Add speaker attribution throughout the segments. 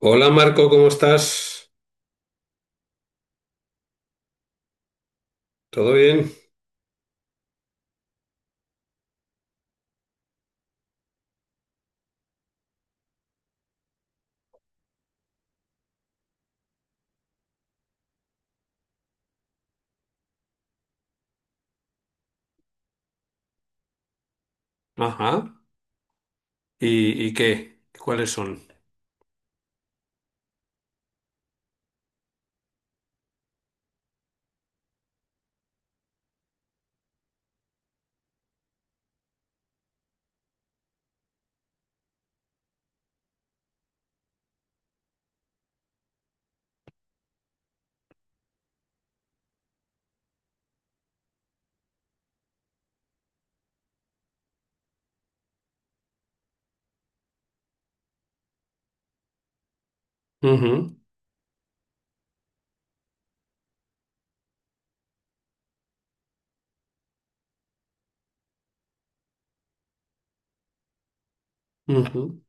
Speaker 1: Hola Marco, ¿cómo estás? ¿Todo bien? Ajá. ¿Y qué? ¿Cuáles son? Ujú, ujú.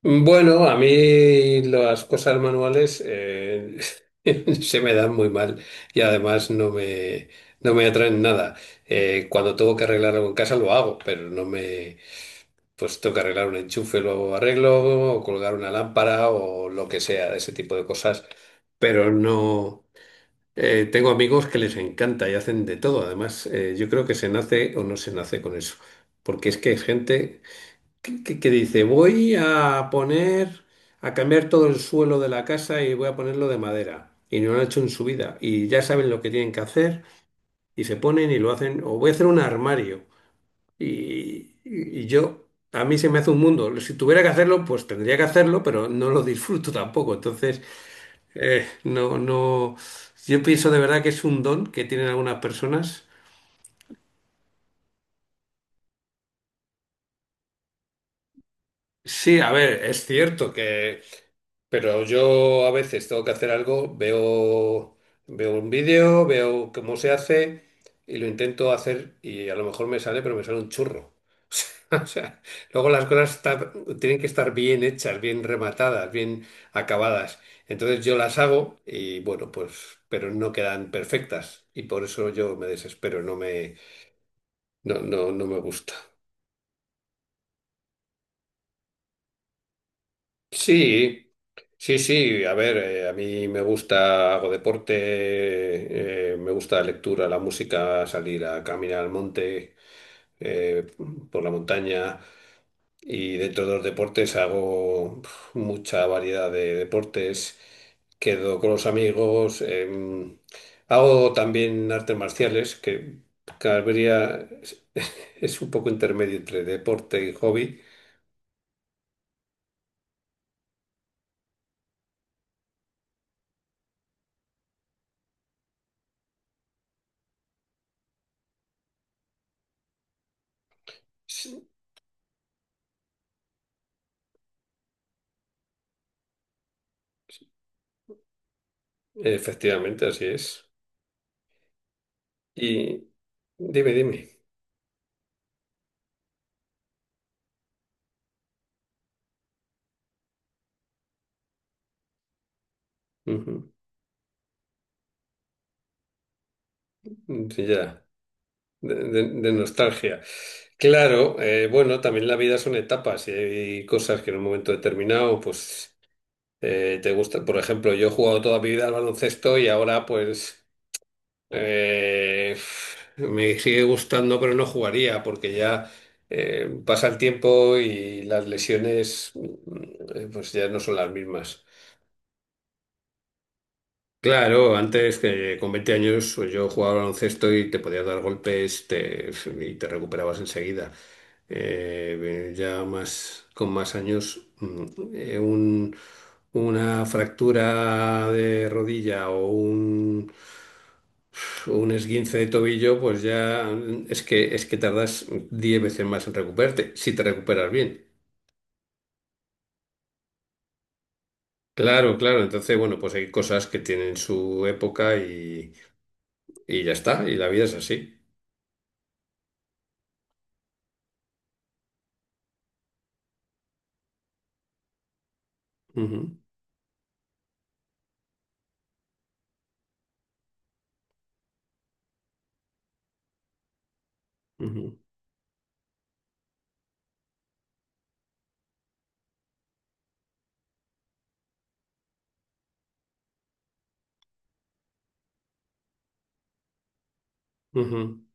Speaker 1: Bueno, a mí las cosas manuales se me dan muy mal y además no me atraen nada. Cuando tengo que arreglar algo en casa lo hago, pero no me. Pues tengo que arreglar un enchufe, lo arreglo, o colgar una lámpara o lo que sea, de ese tipo de cosas. Pero no. Tengo amigos que les encanta y hacen de todo. Además, yo creo que se nace o no se nace con eso. Porque es que hay gente que dice, voy a poner, a cambiar todo el suelo de la casa y voy a ponerlo de madera. Y no lo han hecho en su vida. Y ya saben lo que tienen que hacer y se ponen y lo hacen. O voy a hacer un armario. Y yo, a mí se me hace un mundo. Si tuviera que hacerlo, pues tendría que hacerlo, pero no lo disfruto tampoco. Entonces. No, no. Yo pienso de verdad que es un don que tienen algunas personas. Sí, a ver, es cierto que, pero yo a veces tengo que hacer algo, veo un vídeo, veo cómo se hace y lo intento hacer y a lo mejor me sale, pero me sale un churro. O sea, luego las cosas tienen que estar bien hechas, bien rematadas, bien acabadas. Entonces yo las hago y bueno, pues, pero no quedan perfectas y por eso yo me desespero. No, no, no me gusta. Sí, sí, sí. A ver, a mí me gusta, hago deporte, me gusta la lectura, la música, salir a caminar al monte, eh, por la montaña. Y dentro de los deportes hago mucha variedad de deportes. Quedo con los amigos. Hago también artes marciales, que Calabria es es un poco intermedio entre deporte y hobby. Efectivamente, así es. Y dime, dime. Ujú. Sí, ya, de nostalgia. Claro, bueno, también la vida son etapas y hay cosas que en un momento determinado, pues, te gusta. Por ejemplo, yo he jugado toda mi vida al baloncesto y ahora, pues, eh, me sigue gustando, pero no jugaría porque ya pasa el tiempo y las lesiones, pues, ya no son las mismas. Claro, antes que con 20 años pues, yo jugaba al baloncesto y te podías dar golpes y te recuperabas enseguida. Ya más con más años, eh, un- una fractura de rodilla o un esguince de tobillo, pues ya es que tardas 10 veces más en recuperarte, si te recuperas bien. Claro, claro. Entonces, bueno, pues hay cosas que tienen su época y ya está, y la vida es así. Ujú, ujú, ujú.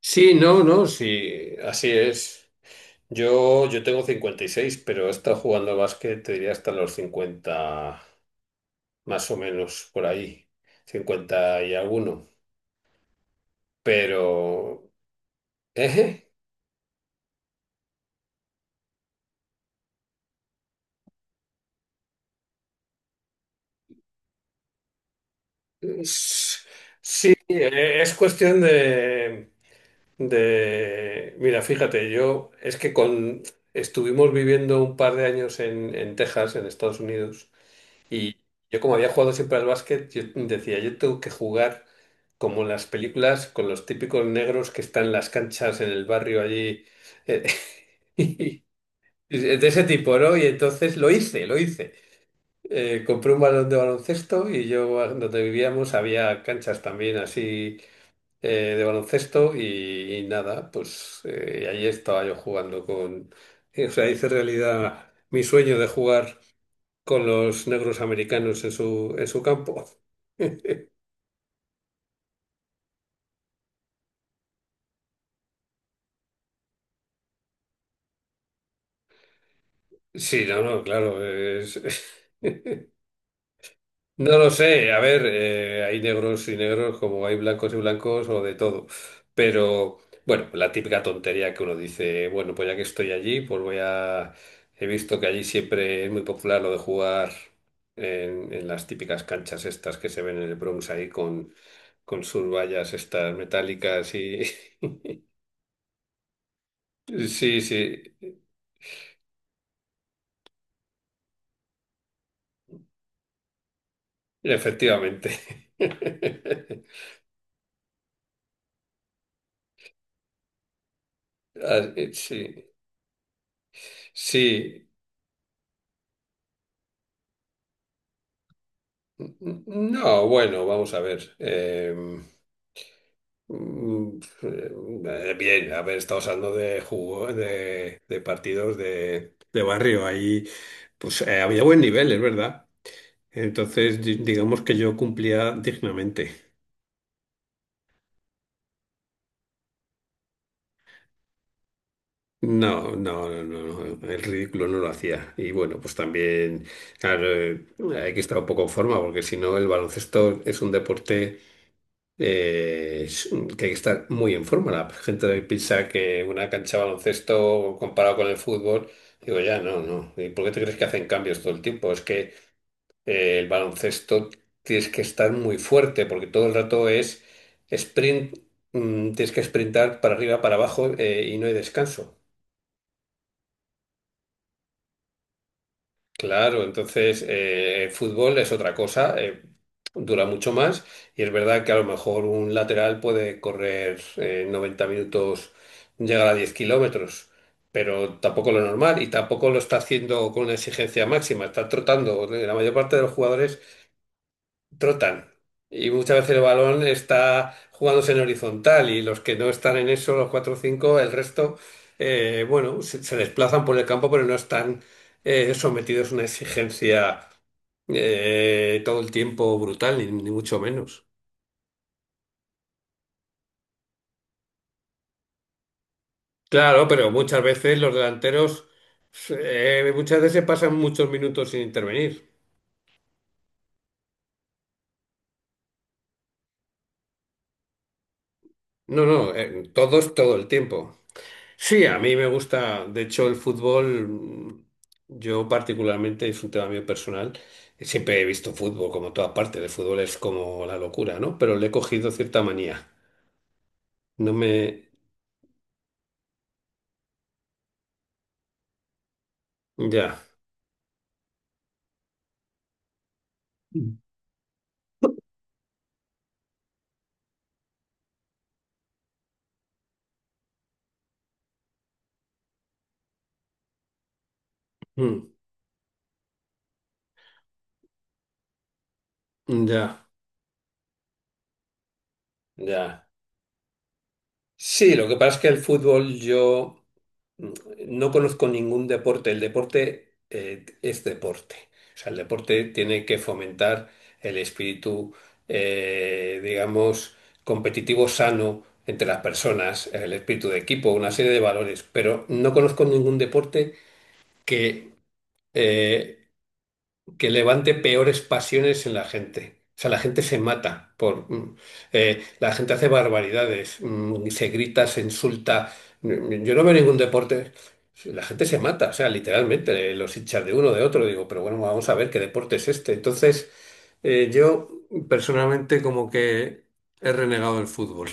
Speaker 1: Sí, no, no, sí, así es. Yo tengo 56, pero he estado jugando a básquet, te diría hasta los 50 más o menos por ahí, 50 y alguno. Pero, eh, es- sí, es cuestión de, mira, fíjate, yo es que con, estuvimos viviendo un par de años en Texas, en Estados Unidos. Y yo como había jugado siempre al básquet, yo decía, yo tengo que jugar como en las películas, con los típicos negros que están en las canchas en el barrio allí, eh, y y de ese tipo, ¿no? Y entonces lo hice, lo hice. Compré un balón de baloncesto y yo donde vivíamos había canchas también así de baloncesto y nada, pues ahí estaba yo jugando con. O sea, hice realidad mi sueño de jugar con los negros americanos en su campo. Sí, no, no, claro. No lo sé. A ver, hay negros y negros como hay blancos y blancos o de todo. Pero, bueno, la típica tontería que uno dice, bueno, pues ya que estoy allí, pues voy a. He visto que allí siempre es muy popular lo de jugar en las típicas canchas estas que se ven en el Bronx ahí con sus vallas estas metálicas y. Sí, sí. Efectivamente. Ah, Sí, sí. No, bueno, vamos a ver. Bien, a ver, estamos hablando de jugo, de partidos de barrio. Ahí, pues había buen nivel, es verdad. Entonces, digamos que yo cumplía dignamente. No, no, no, no, no, el ridículo no lo hacía. Y bueno, pues también, claro, hay que estar un poco en forma, porque si no, el baloncesto es un deporte es que hay que estar muy en forma. La gente hoy piensa que una cancha de baloncesto comparado con el fútbol, digo, ya, no, no. ¿Y por qué te crees que hacen cambios todo el tiempo? Es que el baloncesto tienes que estar muy fuerte porque todo el rato es sprint, tienes que sprintar para arriba, para abajo y no hay descanso. Claro, entonces el fútbol es otra cosa, dura mucho más y es verdad que a lo mejor un lateral puede correr 90 minutos, llegar a 10 kilómetros, pero tampoco lo normal y tampoco lo está haciendo con una exigencia máxima, está trotando, la mayor parte de los jugadores trotan. Y muchas veces el balón está jugándose en horizontal y los que no están en eso, los 4 o 5, el resto, bueno, se desplazan por el campo, pero no están sometidos a una exigencia todo el tiempo brutal, ni, ni mucho menos. Claro, pero muchas veces los delanteros, muchas veces pasan muchos minutos sin intervenir. No, no, todos todo el tiempo. Sí, a mí me gusta, de hecho el fútbol, yo particularmente, es un tema mío personal, siempre he visto fútbol como toda parte, el fútbol es como la locura, ¿no? Pero le he cogido cierta manía. No me. Ya. Mm, ya, ya, ya. Sí, lo que pasa es que el fútbol yo. mm, no conozco ningún deporte. El deporte es deporte. O sea, el deporte tiene que fomentar el espíritu, digamos, competitivo sano entre las personas, el espíritu de equipo, una serie de valores. Pero no conozco ningún deporte que eh, que levante peores pasiones en la gente. O sea, la gente se mata por. La gente hace barbaridades, se grita, se insulta. Yo no veo ningún deporte. La gente se mata, o sea, literalmente, los hinchas de uno, de otro. Digo, pero bueno, vamos a ver qué deporte es este. Entonces, yo personalmente como que he renegado del fútbol.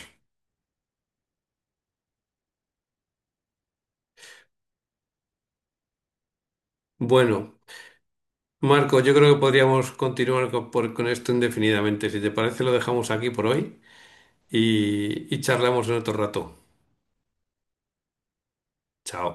Speaker 1: Bueno, Marco, yo creo que podríamos continuar con esto indefinidamente. Si te parece, lo dejamos aquí por hoy y charlamos en otro rato. Chao.